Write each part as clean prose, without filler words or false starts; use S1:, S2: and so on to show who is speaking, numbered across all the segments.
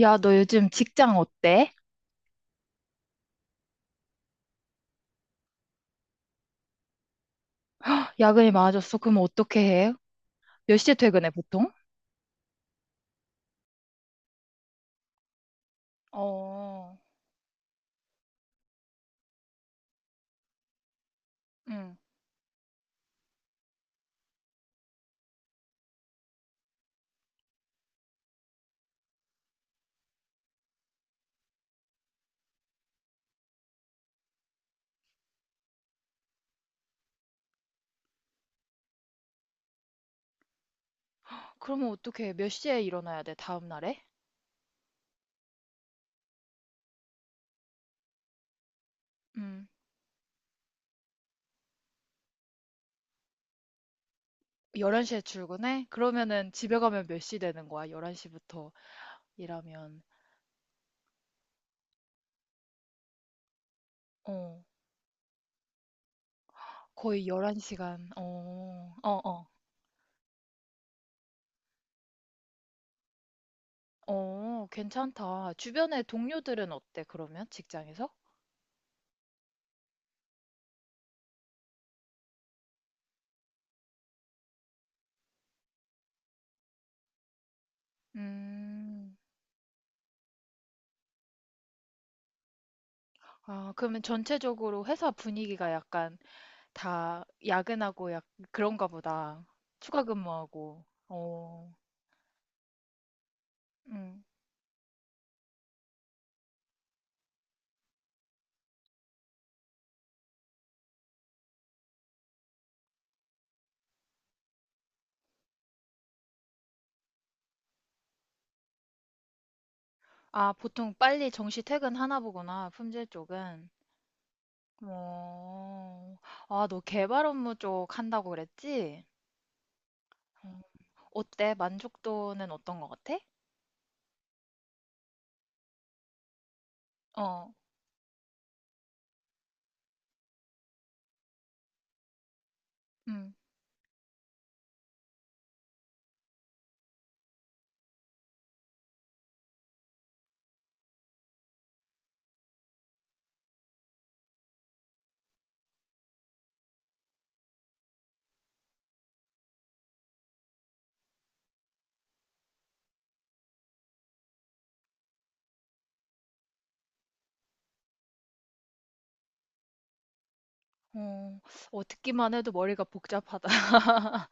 S1: 야, 너 요즘 직장 어때? 헉, 야근이 많아졌어. 그럼 어떻게 해? 몇 시에 퇴근해, 보통? 어, 응. 그러면 어떻게 해? 몇 시에 일어나야 돼, 다음 날에? 음. 11시에 출근해? 그러면은 집에 가면 몇 시 되는 거야? 11시부터 일하면. 어, 거의 11시간. 어, 어, 어. 어, 괜찮다. 주변에 동료들은 어때, 그러면? 직장에서? 음. 아, 그러면 전체적으로 회사 분위기가 약간 다 야근하고 약 그런가 보다. 추가 근무하고. 어, 음. 아, 보통 빨리 정시 퇴근하나 보구나, 품질 쪽은. 어, 아, 너 개발 업무 쪽 한다고 그랬지? 어, 어때? 만족도는 어떤 것 같아? 어, 음, 어, 어, 듣기만 해도 머리가 복잡하다.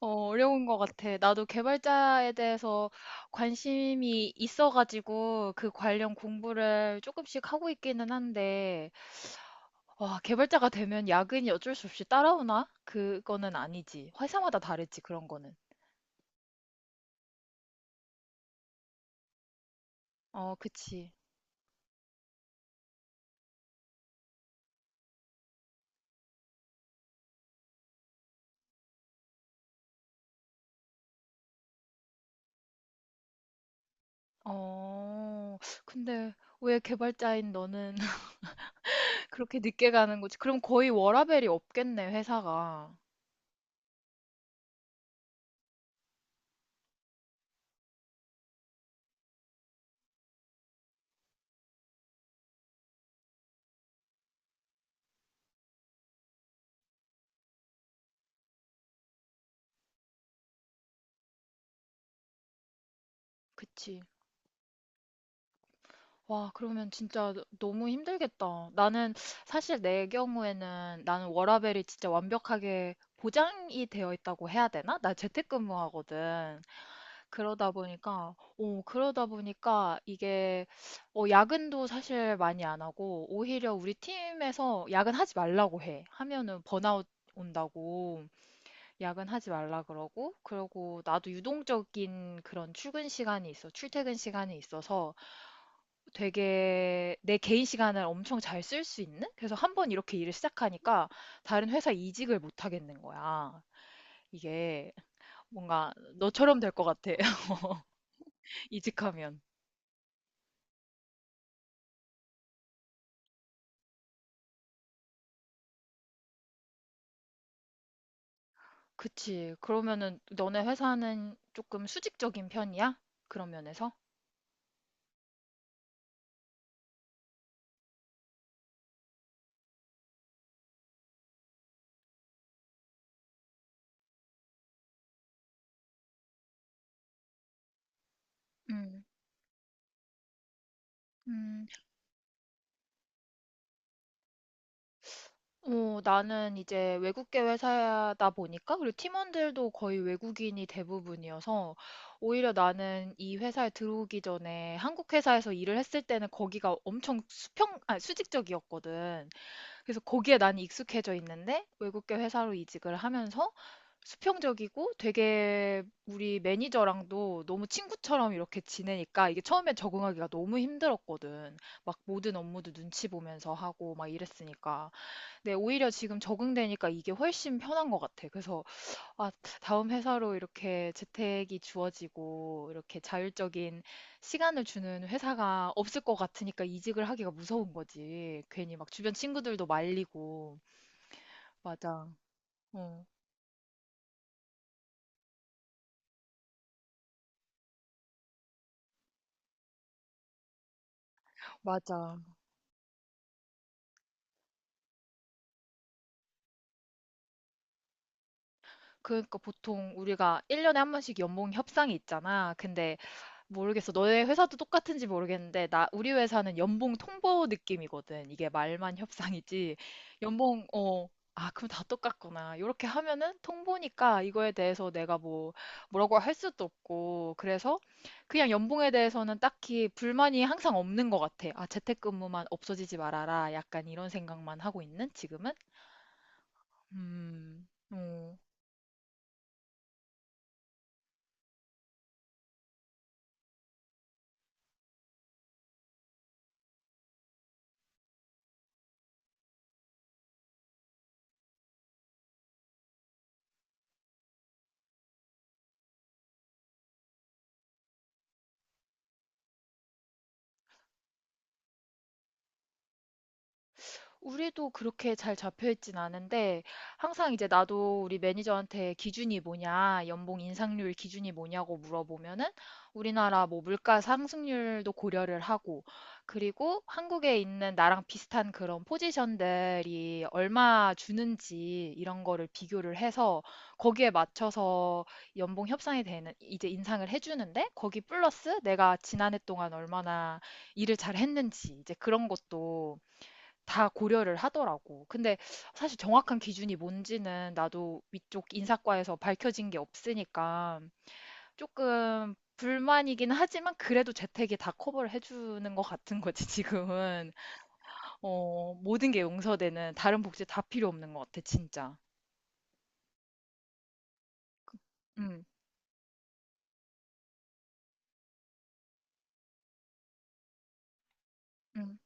S1: 어, 어려운 것 같아. 나도 개발자에 대해서 관심이 있어가지고 그 관련 공부를 조금씩 하고 있기는 한데, 와, 개발자가 되면 야근이 어쩔 수 없이 따라오나? 그거는 아니지. 회사마다 다르지, 그런 거는. 어, 그치. 어, 근데 왜 개발자인 너는 그렇게 늦게 가는 거지? 그럼 거의 워라밸이 없겠네, 회사가. 그치. 와, 그러면 진짜 너무 힘들겠다. 나는 사실 내 경우에는 나는 워라밸이 진짜 완벽하게 보장이 되어 있다고 해야 되나? 나 재택근무하거든. 그러다 보니까, 오, 그러다 보니까 이게, 어, 야근도 사실 많이 안 하고, 오히려 우리 팀에서 야근하지 말라고 해. 하면은 번아웃 온다고 야근하지 말라 그러고, 그러고 나도 유동적인 그런 출근 시간이 있어, 출퇴근 시간이 있어서 되게 내 개인 시간을 엄청 잘 쓸 수 있는? 그래서 한 번 이렇게 일을 시작하니까 다른 회사 이직을 못 하겠는 거야. 이게 뭔가 너처럼 될 것 같아. 이직하면. 그치. 그러면은 너네 회사는 조금 수직적인 편이야? 그런 면에서? 음. 음. 어, 나는 이제 외국계 회사다 보니까 그리고 팀원들도 거의 외국인이 대부분이어서 오히려 나는 이 회사에 들어오기 전에 한국 회사에서 일을 했을 때는 거기가 엄청 아, 수직적이었거든. 그래서 거기에 난 익숙해져 있는데 외국계 회사로 이직을 하면서 수평적이고 되게 우리 매니저랑도 너무 친구처럼 이렇게 지내니까 이게 처음에 적응하기가 너무 힘들었거든. 막 모든 업무도 눈치 보면서 하고 막 이랬으니까. 네, 오히려 지금 적응되니까 이게 훨씬 편한 것 같아. 그래서, 아, 다음 회사로 이렇게 재택이 주어지고, 이렇게 자율적인 시간을 주는 회사가 없을 것 같으니까 이직을 하기가 무서운 거지. 괜히 막 주변 친구들도 말리고. 맞아. 어, 맞아. 그러니까 보통 우리가 1년에 한 번씩 연봉 협상이 있잖아. 근데 모르겠어. 너네 회사도 똑같은지 모르겠는데, 우리 회사는 연봉 통보 느낌이거든. 이게 말만 협상이지. 연봉, 어, 아, 그럼 다 똑같구나. 이렇게 하면은 통보니까 이거에 대해서 내가 뭐, 뭐라고 할 수도 없고. 그래서 그냥 연봉에 대해서는 딱히 불만이 항상 없는 것 같아. 아, 재택근무만 없어지지 말아라. 약간 이런 생각만 하고 있는 지금은? 어. 우리도 그렇게 잘 잡혀 있진 않은데 항상 이제 나도 우리 매니저한테 기준이 뭐냐, 연봉 인상률 기준이 뭐냐고 물어보면은 우리나라 뭐 물가 상승률도 고려를 하고 그리고 한국에 있는 나랑 비슷한 그런 포지션들이 얼마 주는지 이런 거를 비교를 해서 거기에 맞춰서 연봉 협상이 되는 이제 인상을 해주는데 거기 플러스 내가 지난해 동안 얼마나 일을 잘 했는지 이제 그런 것도 다 고려를 하더라고. 근데 사실 정확한 기준이 뭔지는 나도 위쪽 인사과에서 밝혀진 게 없으니까 조금 불만이긴 하지만 그래도 재택이 다 커버를 해주는 것 같은 거지, 지금은. 어, 모든 게 용서되는 다른 복지 다 필요 없는 것 같아, 진짜. 음, 음.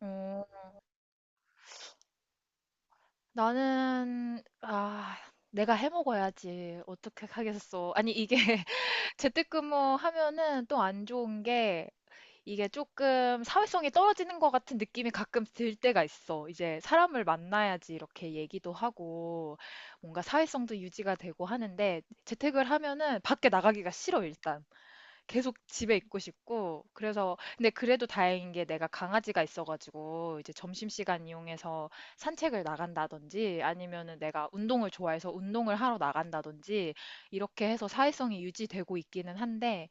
S1: 어, 아, 내가 해 먹어야지. 어떻게 하겠어. 아니, 이게 재택근무 하면은 또 안 좋은 게 이게 조금 사회성이 떨어지는 것 같은 느낌이 가끔 들 때가 있어. 이제 사람을 만나야지 이렇게 얘기도 하고 뭔가 사회성도 유지가 되고 하는데 재택을 하면은 밖에 나가기가 싫어, 일단. 계속 집에 있고 싶고. 그래서 근데 그래도 다행인 게 내가 강아지가 있어가지고 이제 점심시간 이용해서 산책을 나간다든지 아니면은 내가 운동을 좋아해서 운동을 하러 나간다든지 이렇게 해서 사회성이 유지되고 있기는 한데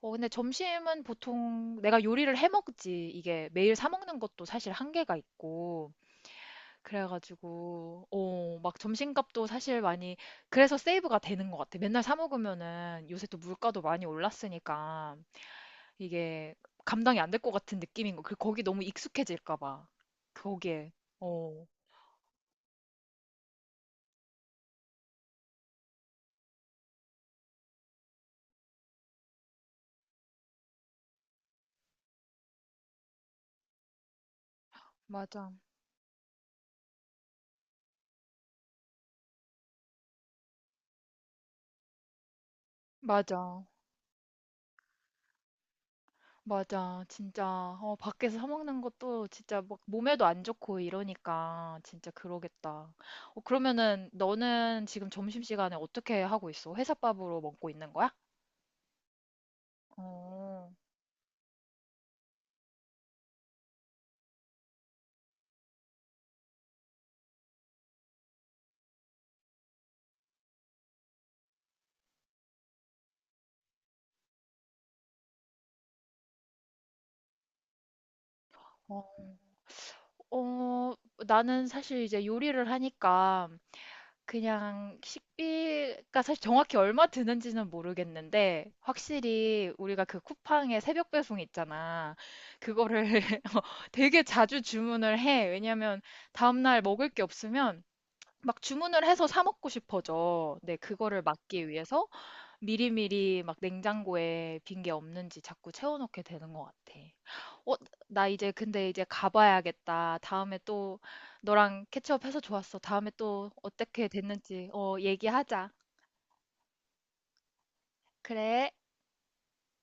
S1: 어, 근데 점심은 보통 내가 요리를 해 먹지. 이게 매일 사 먹는 것도 사실 한계가 있고. 그래가지고, 어, 막 점심값도 사실 많이, 그래서 세이브가 되는 것 같아. 맨날 사 먹으면은 요새 또 물가도 많이 올랐으니까 이게 감당이 안 될 것 같은 느낌인 거. 그 거기 너무 익숙해질까 봐. 거기에. 어, 맞아. 맞아. 맞아. 진짜 어, 밖에서 사 먹는 것도 진짜 막 몸에도 안 좋고 이러니까 진짜 그러겠다. 어, 그러면은 너는 지금 점심시간에 어떻게 하고 있어? 회사밥으로 먹고 있는 거야? 어. 어, 어, 나는 사실 이제 요리를 하니까 그냥 식비가 사실 정확히 얼마 드는지는 모르겠는데 확실히 우리가 그 쿠팡의 새벽 배송 있잖아. 그거를 어, 되게 자주 주문을 해. 왜냐면 다음날 먹을 게 없으면 막 주문을 해서 사 먹고 싶어져. 네, 그거를 막기 위해서. 미리미리 막 냉장고에 빈 게 없는지 자꾸 채워놓게 되는 것 같아. 어, 나 이제 근데 이제 가봐야겠다. 다음에 또 너랑 캐치업해서 좋았어. 다음에 또 어떻게 됐는지 어, 얘기하자. 그래.